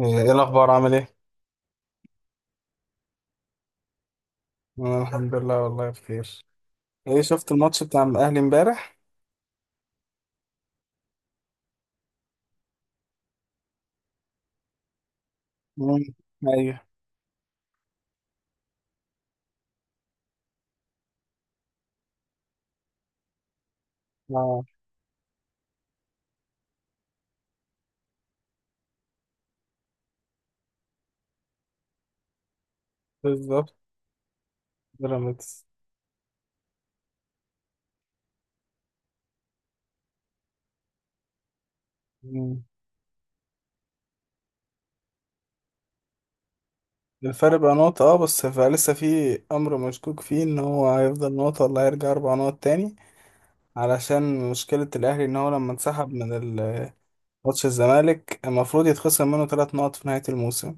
ايه الاخبار، عامل ايه؟ انا الحمد لله، والله بخير. ايه، شفت الماتش بتاع الاهلي امبارح؟ مم. ايوه. اه، بالظبط. بيراميدز. مم. الفرق بقى نقطة، اه، بس لسه في امر مشكوك فيه ان هو هيفضل نقطة ولا هيرجع اربع نقط تاني، علشان مشكلة الاهلي ان هو لما انسحب من ال- ماتش الزمالك المفروض يتخصم منه ثلاث نقط في نهاية الموسم.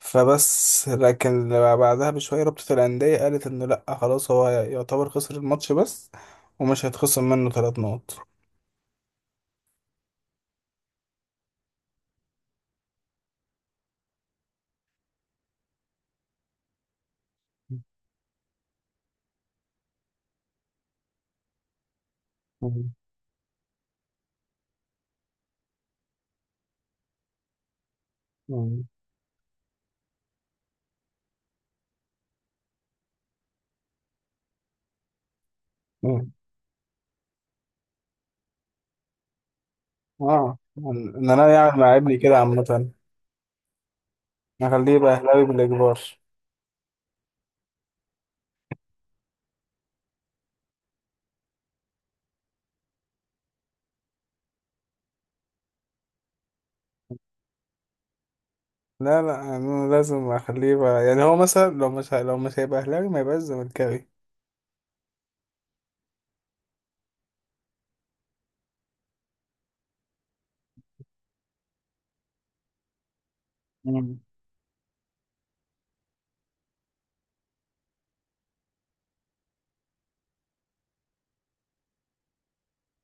فبس لكن بعدها بشوية رابطة الأندية قالت إنه لأ، خلاص هو يعتبر خسر الماتش بس، ومش هيتخصم منه ثلاث نقط. مم. مم. مم. اه، إن أنا يعني مع ابني كده عامة أخليه يبقى أهلاوي بالإجبار. لا لا، أنا لازم أخليه يبقى، يعني هو مثلا لو مش لو مش هيبقى أهلاوي ما يبقاش زملكاوي. مم.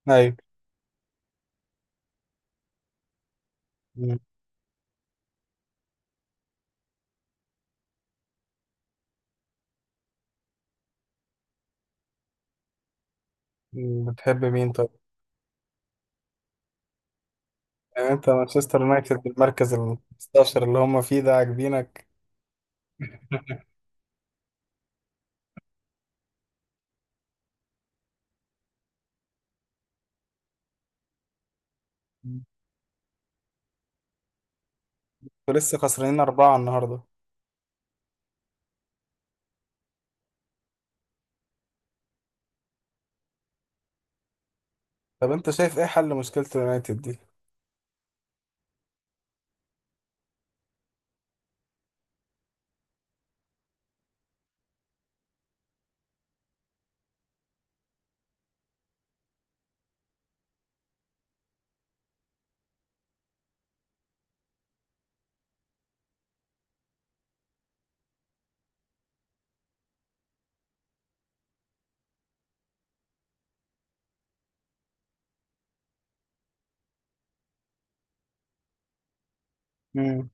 أيوة. م- بتحب مين طب؟ يعني أنت مانشستر يونايتد، المركز ال 15 اللي هم فيه ده عاجبينك؟ ولسه خسرانين أربعة النهاردة. طب أنت شايف إيه حل مشكلة اليونايتد دي؟ مم.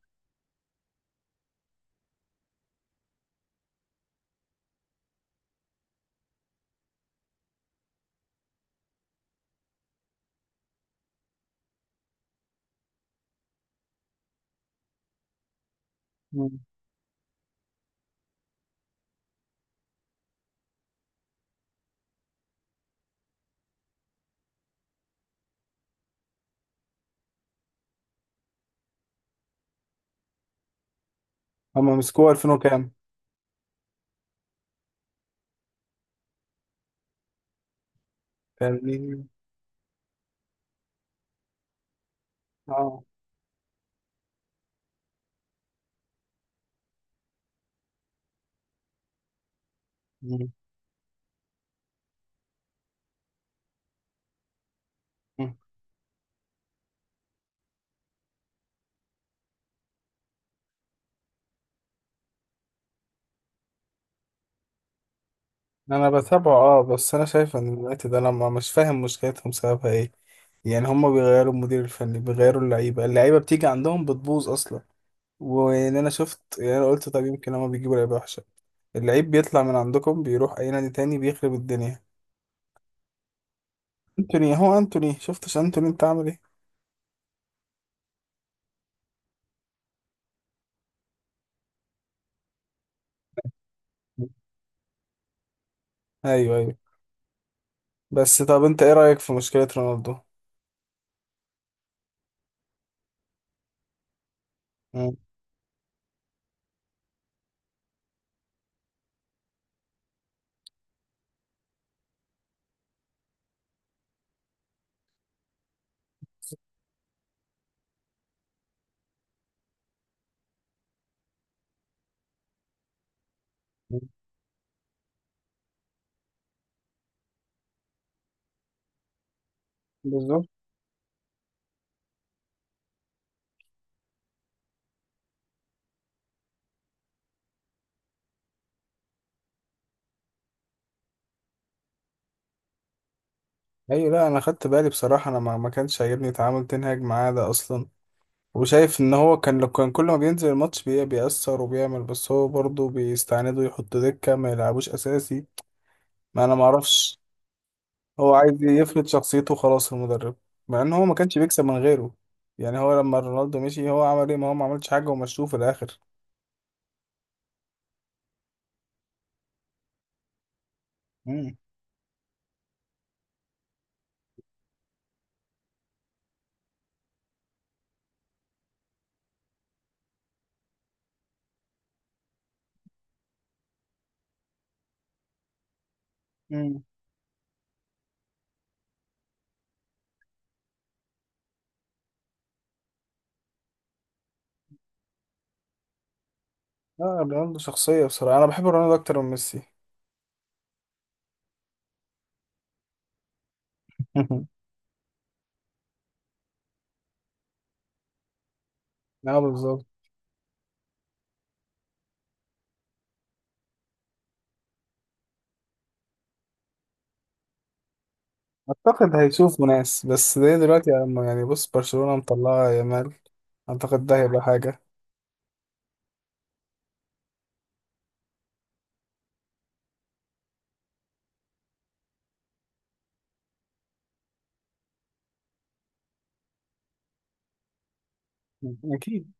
مم. هما مسكوه 2000 وكام؟ يعني، آه. مم. مم. أنا بتابعه، آه، بس أنا شايف إن اليونايتد أنا مش فاهم مشكلتهم سببها إيه. يعني هما بيغيروا المدير الفني، بيغيروا اللعيبة، اللعيبة بتيجي عندهم بتبوظ أصلا. وإن أنا شفت، يعني أنا قلت طب يمكن هما بيجيبوا لعيبة وحشة، اللعيب بيطلع من عندكم بيروح أي نادي تاني بيخرب الدنيا. أنتوني، هو أنتوني شفتش أنتوني أنت عامل إيه؟ أيوه أيوه. بس طب انت ايه رأيك في مشكلة رونالدو؟ مم. بالظبط. ايوه، لا انا خدت بالي بصراحة، انا ما كانش عاجبني تعامل تنهاج معاه ده اصلا، وشايف ان هو كان لو كان كل ما بينزل الماتش بيأثر وبيعمل، بس هو برضه بيستعند يحط دكة ما يلعبوش اساسي. ما انا ما اعرفش. هو عايز يفرض شخصيته خلاص المدرب، مع ان هو ما كانش بيكسب من غيره. يعني هو لما رونالدو مشي هو عمل ايه؟ ما هو ما عملش حاجة ومشوه في الاخر. مم. مم. لا، رونالدو شخصية بصراحة، انا بحب رونالدو اكتر من ميسي. اه بالظبط. اعتقد هيشوفوا ناس، بس زي دلوقتي لما، يعني بص، برشلونة مطلعة يامال. اعتقد ده هيبقى حاجة. اكيد.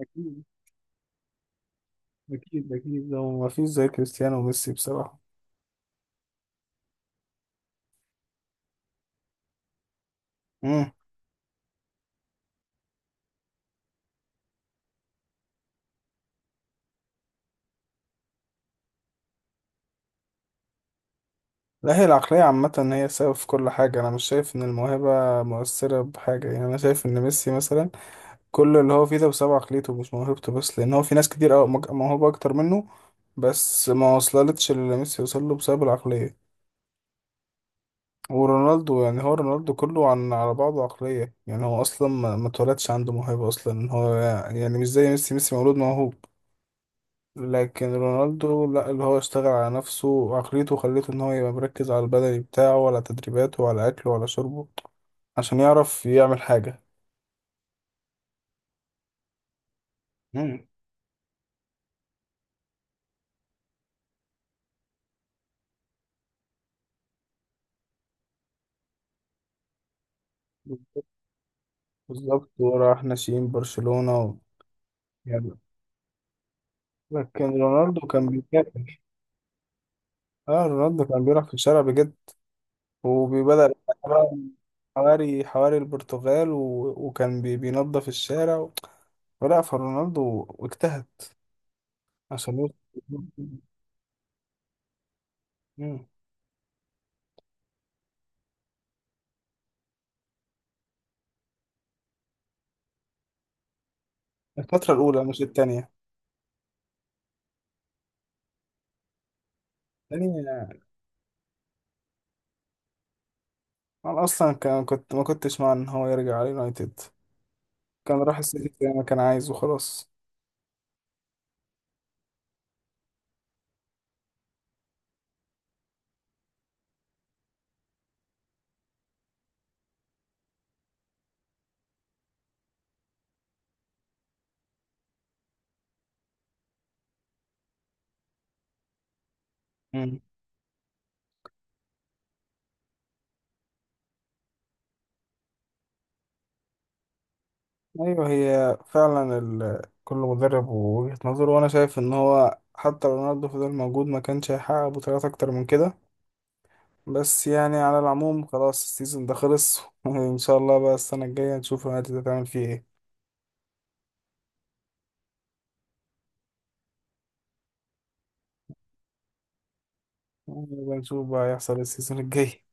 اكيد، اكيد، اكيد، هو ما فيش زي كريستيانو وميسي بصراحة. امم. لا، هي العقلية عامة هي السبب في كل حاجة. أنا مش شايف إن الموهبة مؤثرة بحاجة، يعني أنا شايف إن ميسي مثلا كل اللي هو فيه ده بسبب عقليته مش موهبته بس، لأن هو في ناس كتير أوي موهوبة أكتر منه، بس ما وصلتش اللي ميسي وصل له بسبب العقلية. ورونالدو، يعني هو رونالدو كله عن على بعضه عقلية، يعني هو أصلا ما اتولدش عنده موهبة أصلا، هو يعني مش زي ميسي. ميسي مولود موهوب، لكن رونالدو لا، اللي هو اشتغل على نفسه وعقليته خلته إن هو يبقى مركز على البدني بتاعه وعلى تدريباته وعلى أكله وعلى شربه عشان يعرف يعمل حاجة. مم. بالظبط. وراح ناشئين برشلونة يعني. لكن رونالدو كان بيكافح، اه رونالدو كان بيلعب في الشارع بجد. وبدأ حواري حواري البرتغال وكان بينظف الشارع، ولا فرونالدو واجتهد عشان يوصل. مم. الفترة الأولى مش التانية. التانية أنا أصلا كان كنت ما كنتش مع إن هو يرجع على اليونايتد، كان راح السيتي زي ما كان عايز وخلاص. مم. أيوه، هي فعلا كل مدرب ووجهة نظره، وأنا شايف إن هو حتى لو رونالدو فضل موجود ما كانش هيحقق بطولات أكتر من كده. بس يعني على العموم خلاص السيزون ده خلص، وإن شاء الله بقى السنة الجاية نشوف النادي ده تعمل فيه إيه. نبقى نشوف بقى هيحصل إيه السيزون الجاي.